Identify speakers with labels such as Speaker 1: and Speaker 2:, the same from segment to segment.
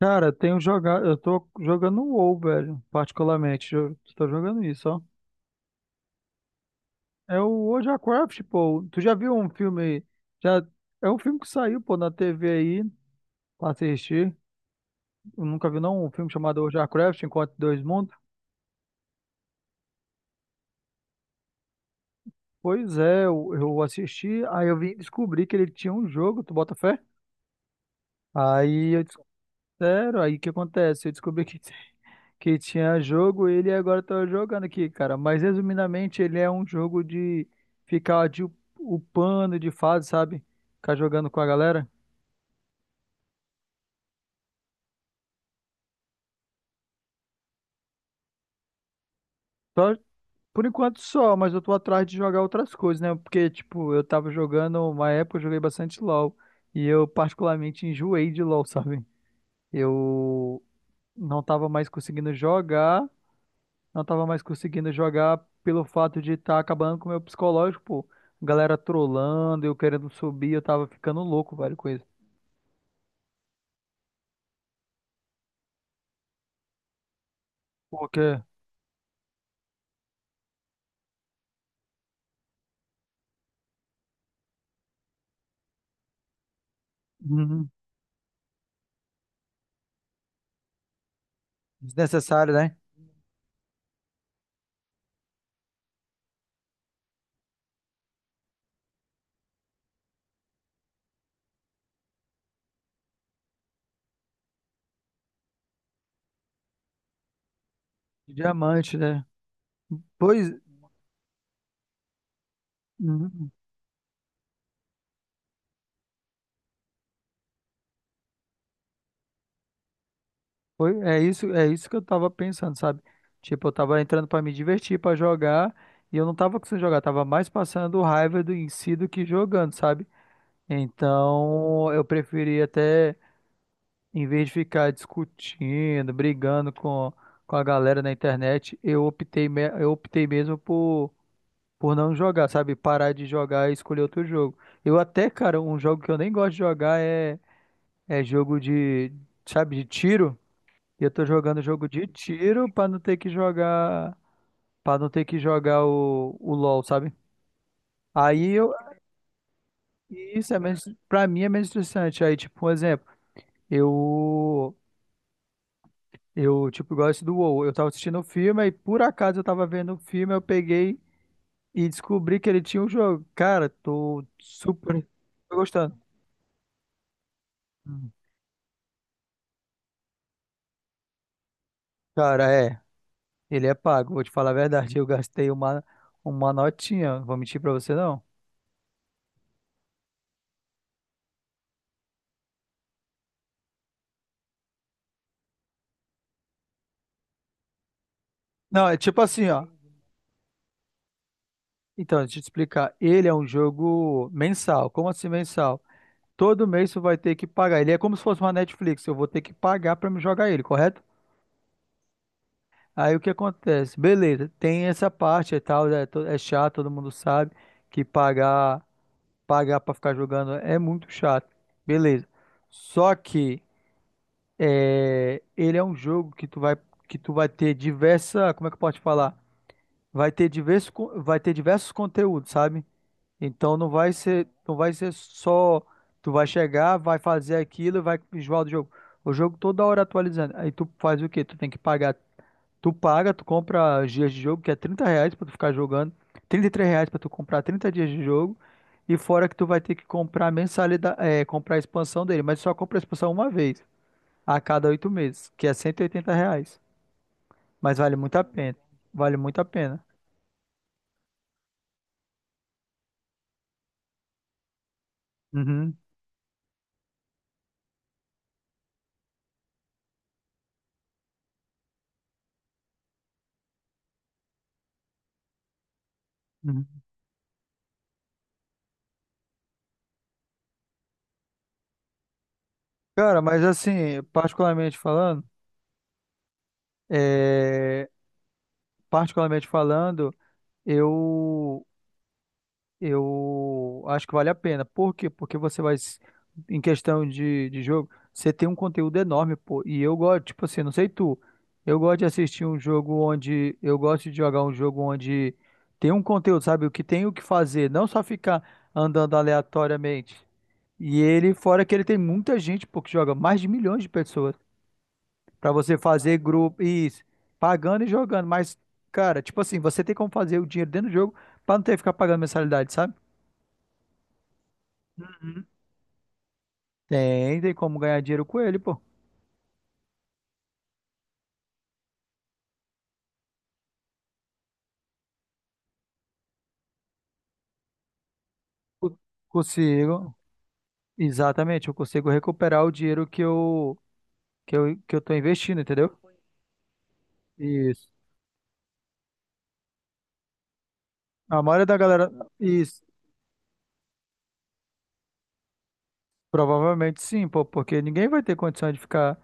Speaker 1: Cara, tenho jogado, eu tô jogando o WoW, velho, particularmente. Eu tô jogando isso, ó. É o World of Warcraft, pô. Tu já viu um filme? Já é um filme que saiu, pô, na TV aí pra assistir. Eu nunca vi não um filme chamado World of Warcraft, Enquanto Dois Mundos. Pois é, eu assisti, aí eu vim descobrir que ele tinha um jogo, tu bota fé? Aí eu disse, sério, aí o que acontece? Eu descobri que que tinha jogo, ele agora tá jogando aqui, cara. Mas resumidamente, ele é um jogo de ficar de upando de fase, sabe? Ficar jogando com a galera. Só, por enquanto só, mas eu tô atrás de jogar outras coisas, né? Porque, tipo, eu tava jogando, uma época eu joguei bastante LoL. E eu particularmente enjoei de LoL, sabe? Eu não tava mais conseguindo jogar. Não tava mais conseguindo jogar pelo fato de estar acabando com o meu psicológico, pô. Galera trollando, eu querendo subir, eu tava ficando louco, velho, com isso. Porque, uhum, desnecessário, né? Diamante, né? Pois, uhum, foi, é isso que eu tava pensando, sabe? Tipo, eu tava entrando pra me divertir, pra jogar, e eu não tava conseguindo jogar, tava mais passando raiva do em si do que jogando, sabe? Então, eu preferi até em vez de ficar discutindo, brigando com a galera na internet, eu optei mesmo por não jogar, sabe? Parar de jogar e escolher outro jogo. Eu até, cara, um jogo que eu nem gosto de jogar é jogo de, sabe, de tiro. E eu tô jogando jogo de tiro pra não ter que jogar, para não ter que jogar o LoL, sabe? Aí eu, isso é menos, pra mim é menos interessante. Aí, tipo, um exemplo. Eu Eu, tipo, gosto do WoW. Eu tava assistindo o filme, aí por acaso eu tava vendo o filme, eu peguei e descobri que ele tinha um jogo. Cara, tô gostando. Hum. Cara, é, ele é pago, vou te falar a verdade. Eu gastei uma notinha, vou mentir pra você não. Não, é tipo assim, ó. Então, deixa eu te explicar. Ele é um jogo mensal. Como assim mensal? Todo mês você vai ter que pagar. Ele é como se fosse uma Netflix, eu vou ter que pagar pra me jogar ele, correto? Aí o que acontece? Beleza, tem essa parte e tal, é chato, todo mundo sabe que pagar para ficar jogando é muito chato. Beleza. Só que é, ele é um jogo que tu vai ter diversa, como é que eu posso te falar? Vai ter diversos conteúdos, sabe? Então não vai ser só tu vai chegar, vai fazer aquilo, e vai enjoar do jogo. O jogo toda hora atualizando. Aí tu faz o quê? Tu tem que pagar. Tu paga, tu compra os dias de jogo, que é R$ 30 pra tu ficar jogando, R$ 33 pra tu comprar 30 dias de jogo, e fora que tu vai ter que comprar mensalidade, é, comprar a expansão dele, mas só compra a expansão uma vez, a cada 8 meses, que é R$ 180. Mas vale muito a pena, vale muito a pena. Uhum, uhum. Cara, mas assim, particularmente falando, é, particularmente falando, eu Eu acho que vale a pena. Por quê? Porque você vai, em questão de, jogo, você tem um conteúdo enorme, pô. E eu gosto, tipo assim, não sei tu, eu gosto de jogar um jogo onde tem um conteúdo, sabe? O que tem o que fazer, não só ficar andando aleatoriamente. E ele, fora que ele tem muita gente, pô, que joga mais de milhões de pessoas, pra você fazer grupo, isso, pagando e jogando. Mas, cara, tipo assim, você tem como fazer o dinheiro dentro do jogo pra não ter que ficar pagando mensalidade, sabe? Tem como ganhar dinheiro com ele, pô. Co- Consigo. Exatamente, eu consigo recuperar o dinheiro que eu tô investindo, entendeu? Isso. A maioria da galera. Isso. Provavelmente sim, pô, porque ninguém vai ter condição de ficar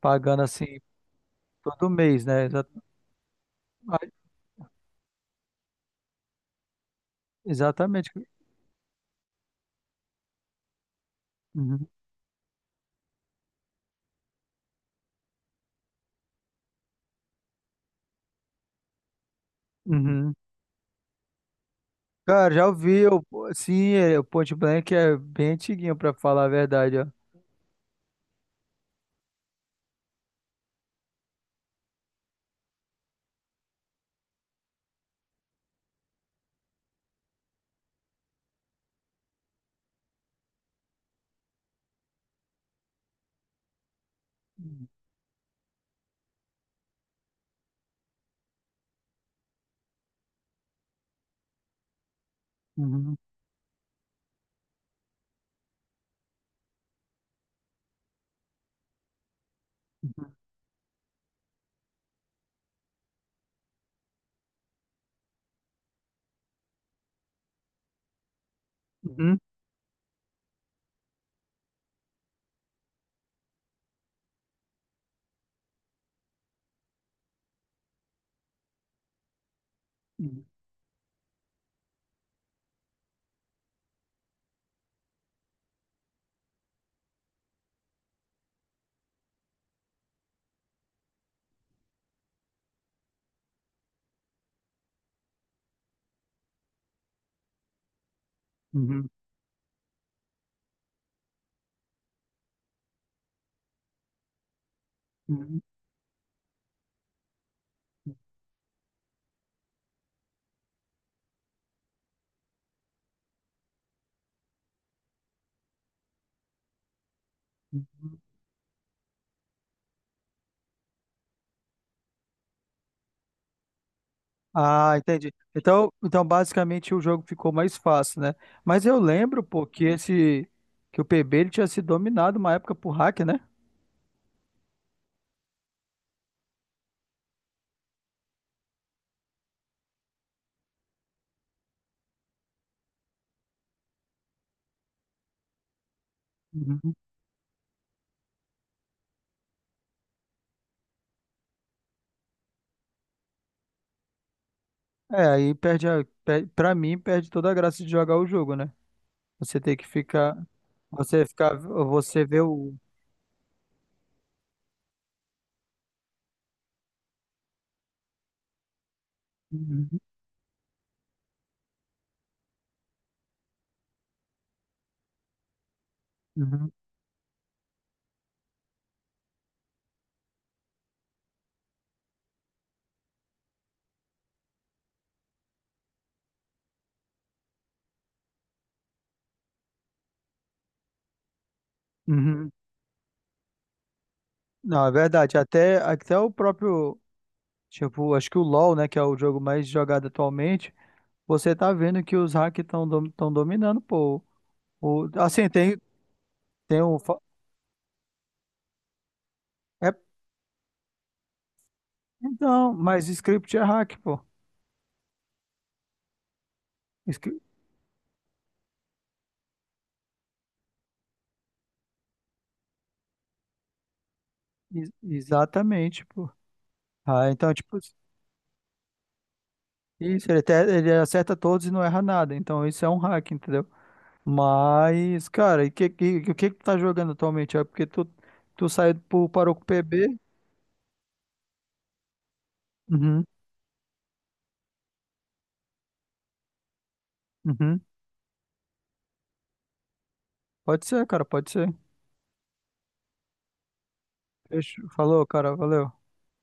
Speaker 1: pagando assim todo mês, né? Ah, exatamente. Uhum. Uhum. Cara, já ouvi. Sim, é, o Point Blank é bem antiguinho, pra falar a verdade, ó. Uhum. Uhum. Uhum. Uhum. Uhum. Uhum. Ah, entendi. Então basicamente o jogo ficou mais fácil, né? Mas eu lembro, pô, que esse que o PB ele tinha sido dominado uma época por hack, né? Uhum. É, aí perde a, per- pra mim perde toda a graça de jogar o jogo, né? Você tem que ficar, você vê o. Uhum. Uhum. Uhum. Não, é verdade. Até o próprio, tipo, acho que o LoL, né, que é o jogo mais jogado atualmente, você tá vendo que os hacks tão dominando, pô. O, assim, tem o. É, então, mas script é hack, pô. Scri- Exatamente, pô. Ah, então, tipo, isso, ele, até, ele acerta todos e não erra nada. Então, isso é um hack, entendeu? Mas, cara, e o que que tu tá jogando atualmente? É porque tu saiu, parou com o PB? Uhum, uhum. Pode ser, cara, pode ser. Fechou. Falou, cara, valeu.